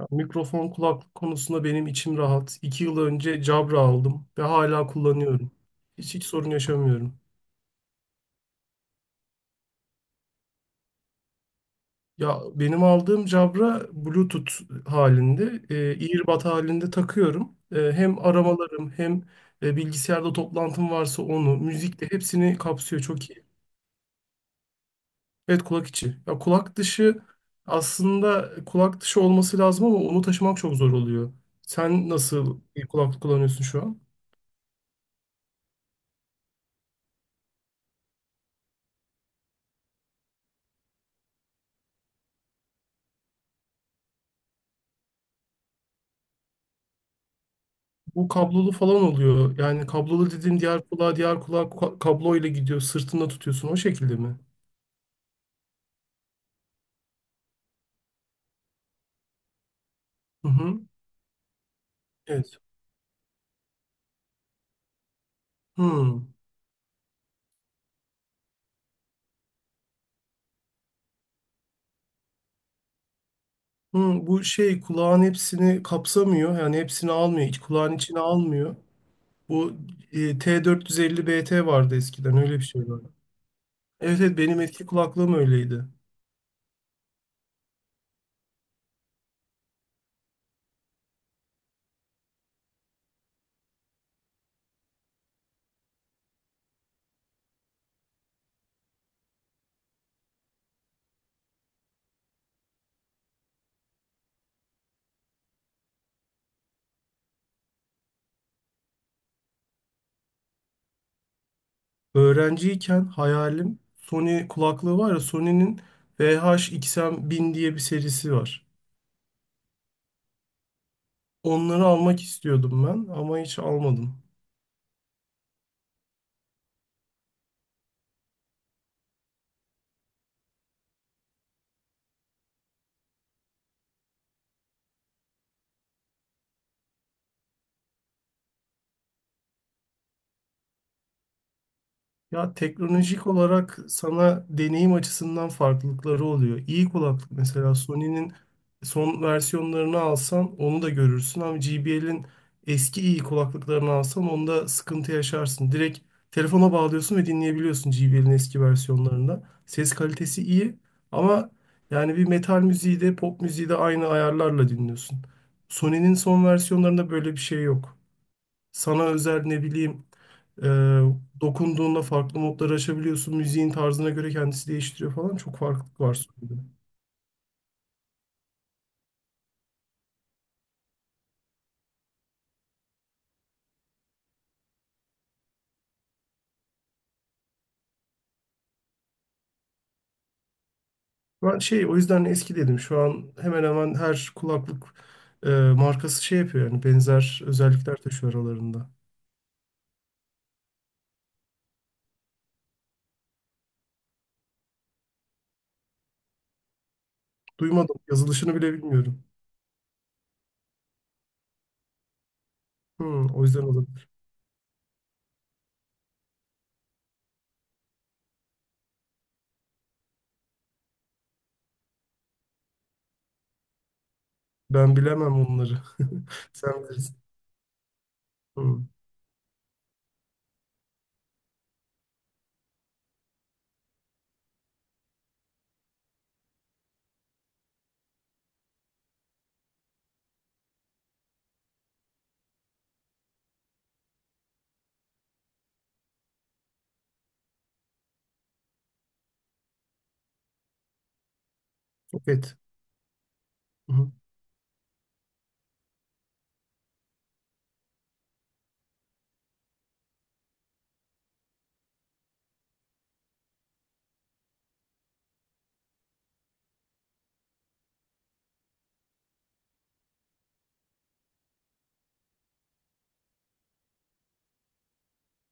Ya, mikrofon kulaklık konusunda benim içim rahat. 2 yıl önce Jabra aldım ve hala kullanıyorum. Hiç sorun yaşamıyorum. Ya benim aldığım Jabra Bluetooth halinde, earbud halinde takıyorum. Hem aramalarım hem bilgisayarda toplantım varsa onu, müzikle hepsini kapsıyor. Çok iyi. Evet, kulak içi. Ya kulak dışı aslında kulak dışı olması lazım ama onu taşımak çok zor oluyor. Sen nasıl bir kulaklık kullanıyorsun şu an? Bu kablolu falan oluyor. Yani kablolu dediğin diğer kulağa kablo ile gidiyor. Sırtında tutuyorsun o şekilde mi? Hı hı. Evet. Hı. Hı, bu şey kulağın hepsini kapsamıyor. Yani hepsini almıyor. Kulağın içine almıyor. Bu T450 BT vardı, eskiden öyle bir şey vardı. Evet evet, benim eski kulaklığım öyleydi. Öğrenciyken hayalim Sony kulaklığı var ya, Sony'nin VH-XM1000 diye bir serisi var. Onları almak istiyordum ben ama hiç almadım. Ya teknolojik olarak sana deneyim açısından farklılıkları oluyor. İyi kulaklık, mesela Sony'nin son versiyonlarını alsan onu da görürsün ama JBL'in eski iyi kulaklıklarını alsan onda sıkıntı yaşarsın. Direkt telefona bağlıyorsun ve dinleyebiliyorsun JBL'in eski versiyonlarında. Ses kalitesi iyi ama yani bir metal müziği de pop müziği de aynı ayarlarla dinliyorsun. Sony'nin son versiyonlarında böyle bir şey yok. Sana özel, ne bileyim, ee, dokunduğunda farklı modları açabiliyorsun. Müziğin tarzına göre kendisi değiştiriyor falan. Çok farklılık var sonunda. Ben şey, o yüzden eski dedim. Şu an hemen hemen her kulaklık markası şey yapıyor, yani benzer özellikler taşıyor aralarında. Duymadım. Yazılışını bile bilmiyorum. Hmm, o yüzden olabilir. Ben bilemem onları. Sen bilirsin. Hmm, evet.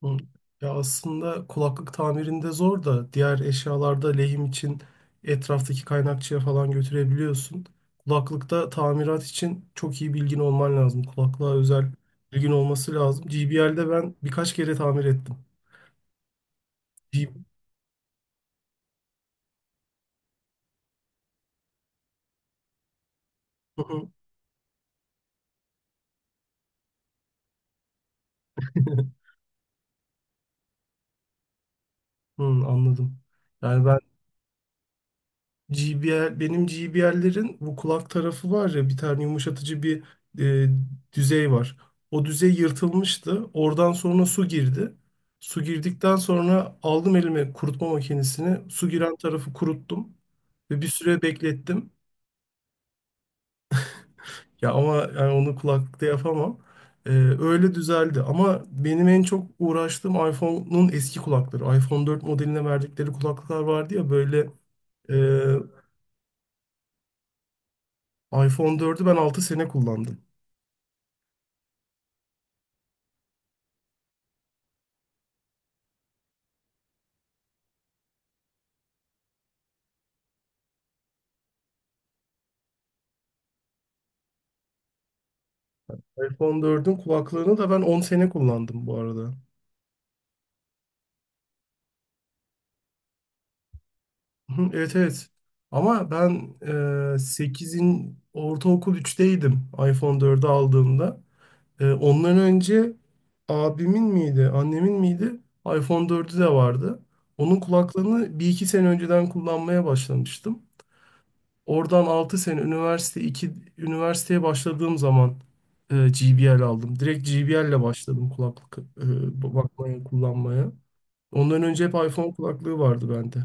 Hı. Ya aslında kulaklık tamirinde zor da, diğer eşyalarda lehim için etraftaki kaynakçıya falan götürebiliyorsun. Kulaklıkta tamirat için çok iyi bilgin olman lazım. Kulaklığa özel bilgin olması lazım. GBL'de ben birkaç kere tamir ettim. G- Hı, anladım. Yani ben G B R benim G B GBR'lerin bu kulak tarafı var ya, bir tane yumuşatıcı bir e, düzey var. O düzey yırtılmıştı. Oradan sonra su girdi. Su girdikten sonra aldım elime kurutma makinesini. Su giren tarafı kuruttum ve bir süre beklettim. Ya ama yani onu kulaklıkta yapamam. Öyle düzeldi. Ama benim en çok uğraştığım iPhone'un eski kulakları. iPhone 4 modeline verdikleri kulaklıklar vardı ya, böyle, e, iPhone 4'ü ben 6 sene kullandım. iPhone 4'ün kulaklığını da ben 10 sene kullandım bu arada. Hı, evet evet. Ama ben 8'in, ortaokul üçteydim iPhone 4'ü aldığımda. Ondan önce abimin miydi, annemin miydi? iPhone 4'ü de vardı. Onun kulaklığını bir iki sene önceden kullanmaya başlamıştım. Oradan 6 sene üniversite, 2 üniversiteye başladığım zaman GBL aldım. Direkt GBL ile başladım kulaklık, bakmaya, kullanmaya. Ondan önce hep iPhone kulaklığı vardı bende.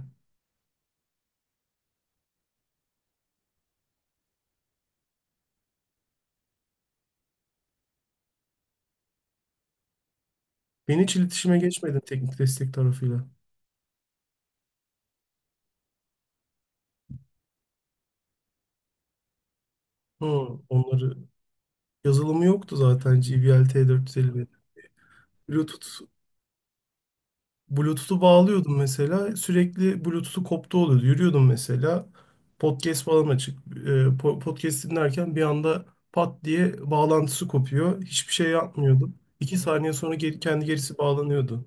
Ben hiç iletişime geçmedim teknik destek tarafıyla. Hı, onları, yazılımı yoktu zaten GBL T450. Bluetooth Bluetooth'u bağlıyordum mesela. Sürekli Bluetooth'u koptu oluyordu. Yürüyordum mesela. Podcast falan açık. E, podcast dinlerken bir anda pat diye bağlantısı kopuyor. Hiçbir şey yapmıyordum. 2 saniye sonra geri, kendi gerisi bağlanıyordu.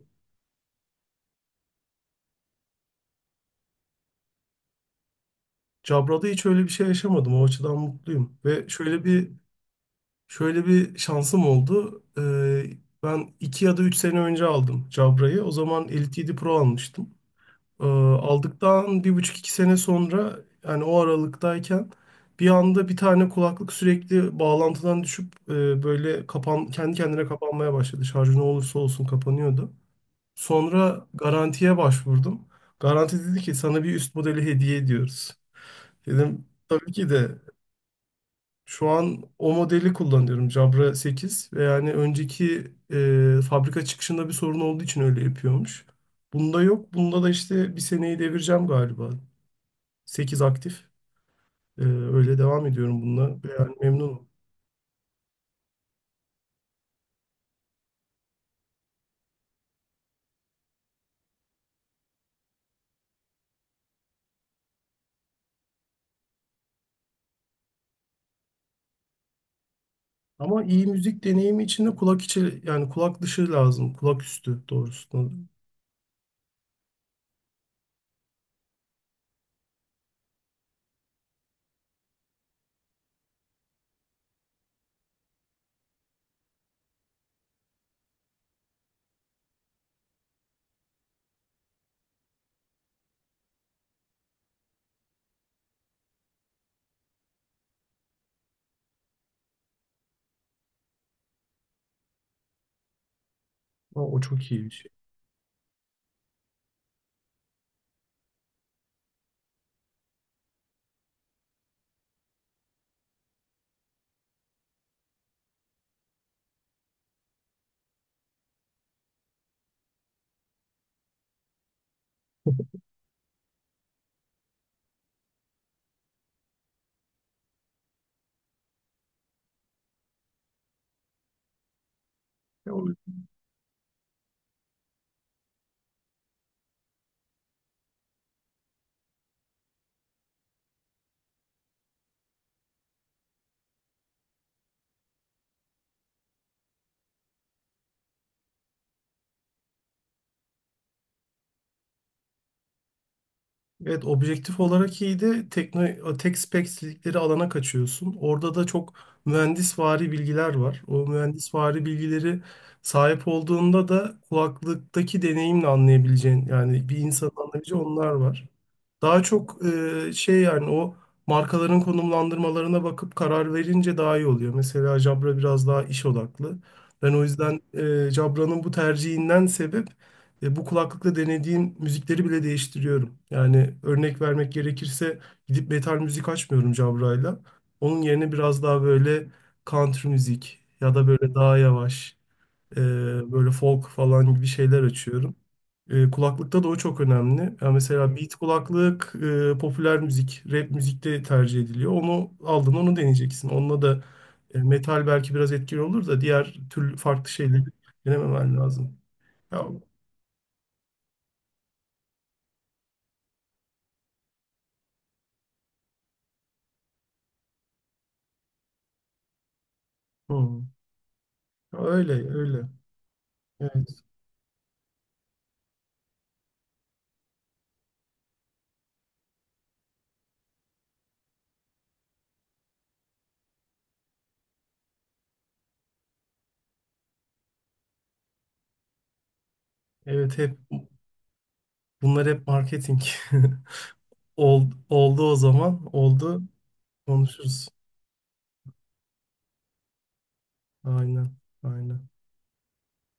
Cabra'da hiç öyle bir şey yaşamadım. O açıdan mutluyum. Ve şöyle bir şöyle bir şansım oldu. Ben iki ya da üç sene önce aldım Cabra'yı. O zaman Elite 7 Pro almıştım. Aldıktan bir buçuk iki sene sonra, yani o aralıktayken, bir anda bir tane kulaklık sürekli bağlantıdan düşüp, böyle kapan, kendi kendine kapanmaya başladı. Şarjı ne olursa olsun kapanıyordu. Sonra garantiye başvurdum. Garanti dedi ki sana bir üst modeli hediye ediyoruz. Dedim tabii ki de, şu an o modeli kullanıyorum, Jabra sekiz, ve yani önceki, fabrika çıkışında bir sorun olduğu için öyle yapıyormuş. Bunda yok. Bunda da işte bir seneyi devireceğim galiba. 8 aktif. Öyle devam ediyorum bununla. Yani memnunum. Ama iyi müzik deneyimi için de kulak içi, yani kulak dışı lazım. Kulak üstü doğrusu. Ama o çok iyi bir şey. Ya o- Evet, objektif olarak iyiydi. Tekno, tek spek dedikleri alana kaçıyorsun. Orada da çok mühendisvari bilgiler var. O mühendisvari bilgileri sahip olduğunda da kulaklıktaki deneyimle anlayabileceğin, yani bir insanın anlayabileceği onlar var. Daha çok şey, yani o markaların konumlandırmalarına bakıp karar verince daha iyi oluyor. Mesela Jabra biraz daha iş odaklı. Ben o yüzden Jabra'nın bu tercihinden sebep bu kulaklıkla denediğim müzikleri bile değiştiriyorum. Yani örnek vermek gerekirse gidip metal müzik açmıyorum Jabra'yla. Onun yerine biraz daha böyle country müzik, ya da böyle daha yavaş. Ee, Böyle folk falan gibi şeyler açıyorum. Kulaklıkta da o çok önemli. Yani mesela beat kulaklık popüler müzik, rap müzikte tercih ediliyor. Onu aldın, onu deneyeceksin. Onunla da metal belki biraz etkili olur da, diğer türlü farklı şeyleri denememen lazım. Ya, hı, öyle öyle. Evet. Evet, bunlar hep marketing. Oldu o zaman. Oldu. Konuşuruz. Aynen. Aynen.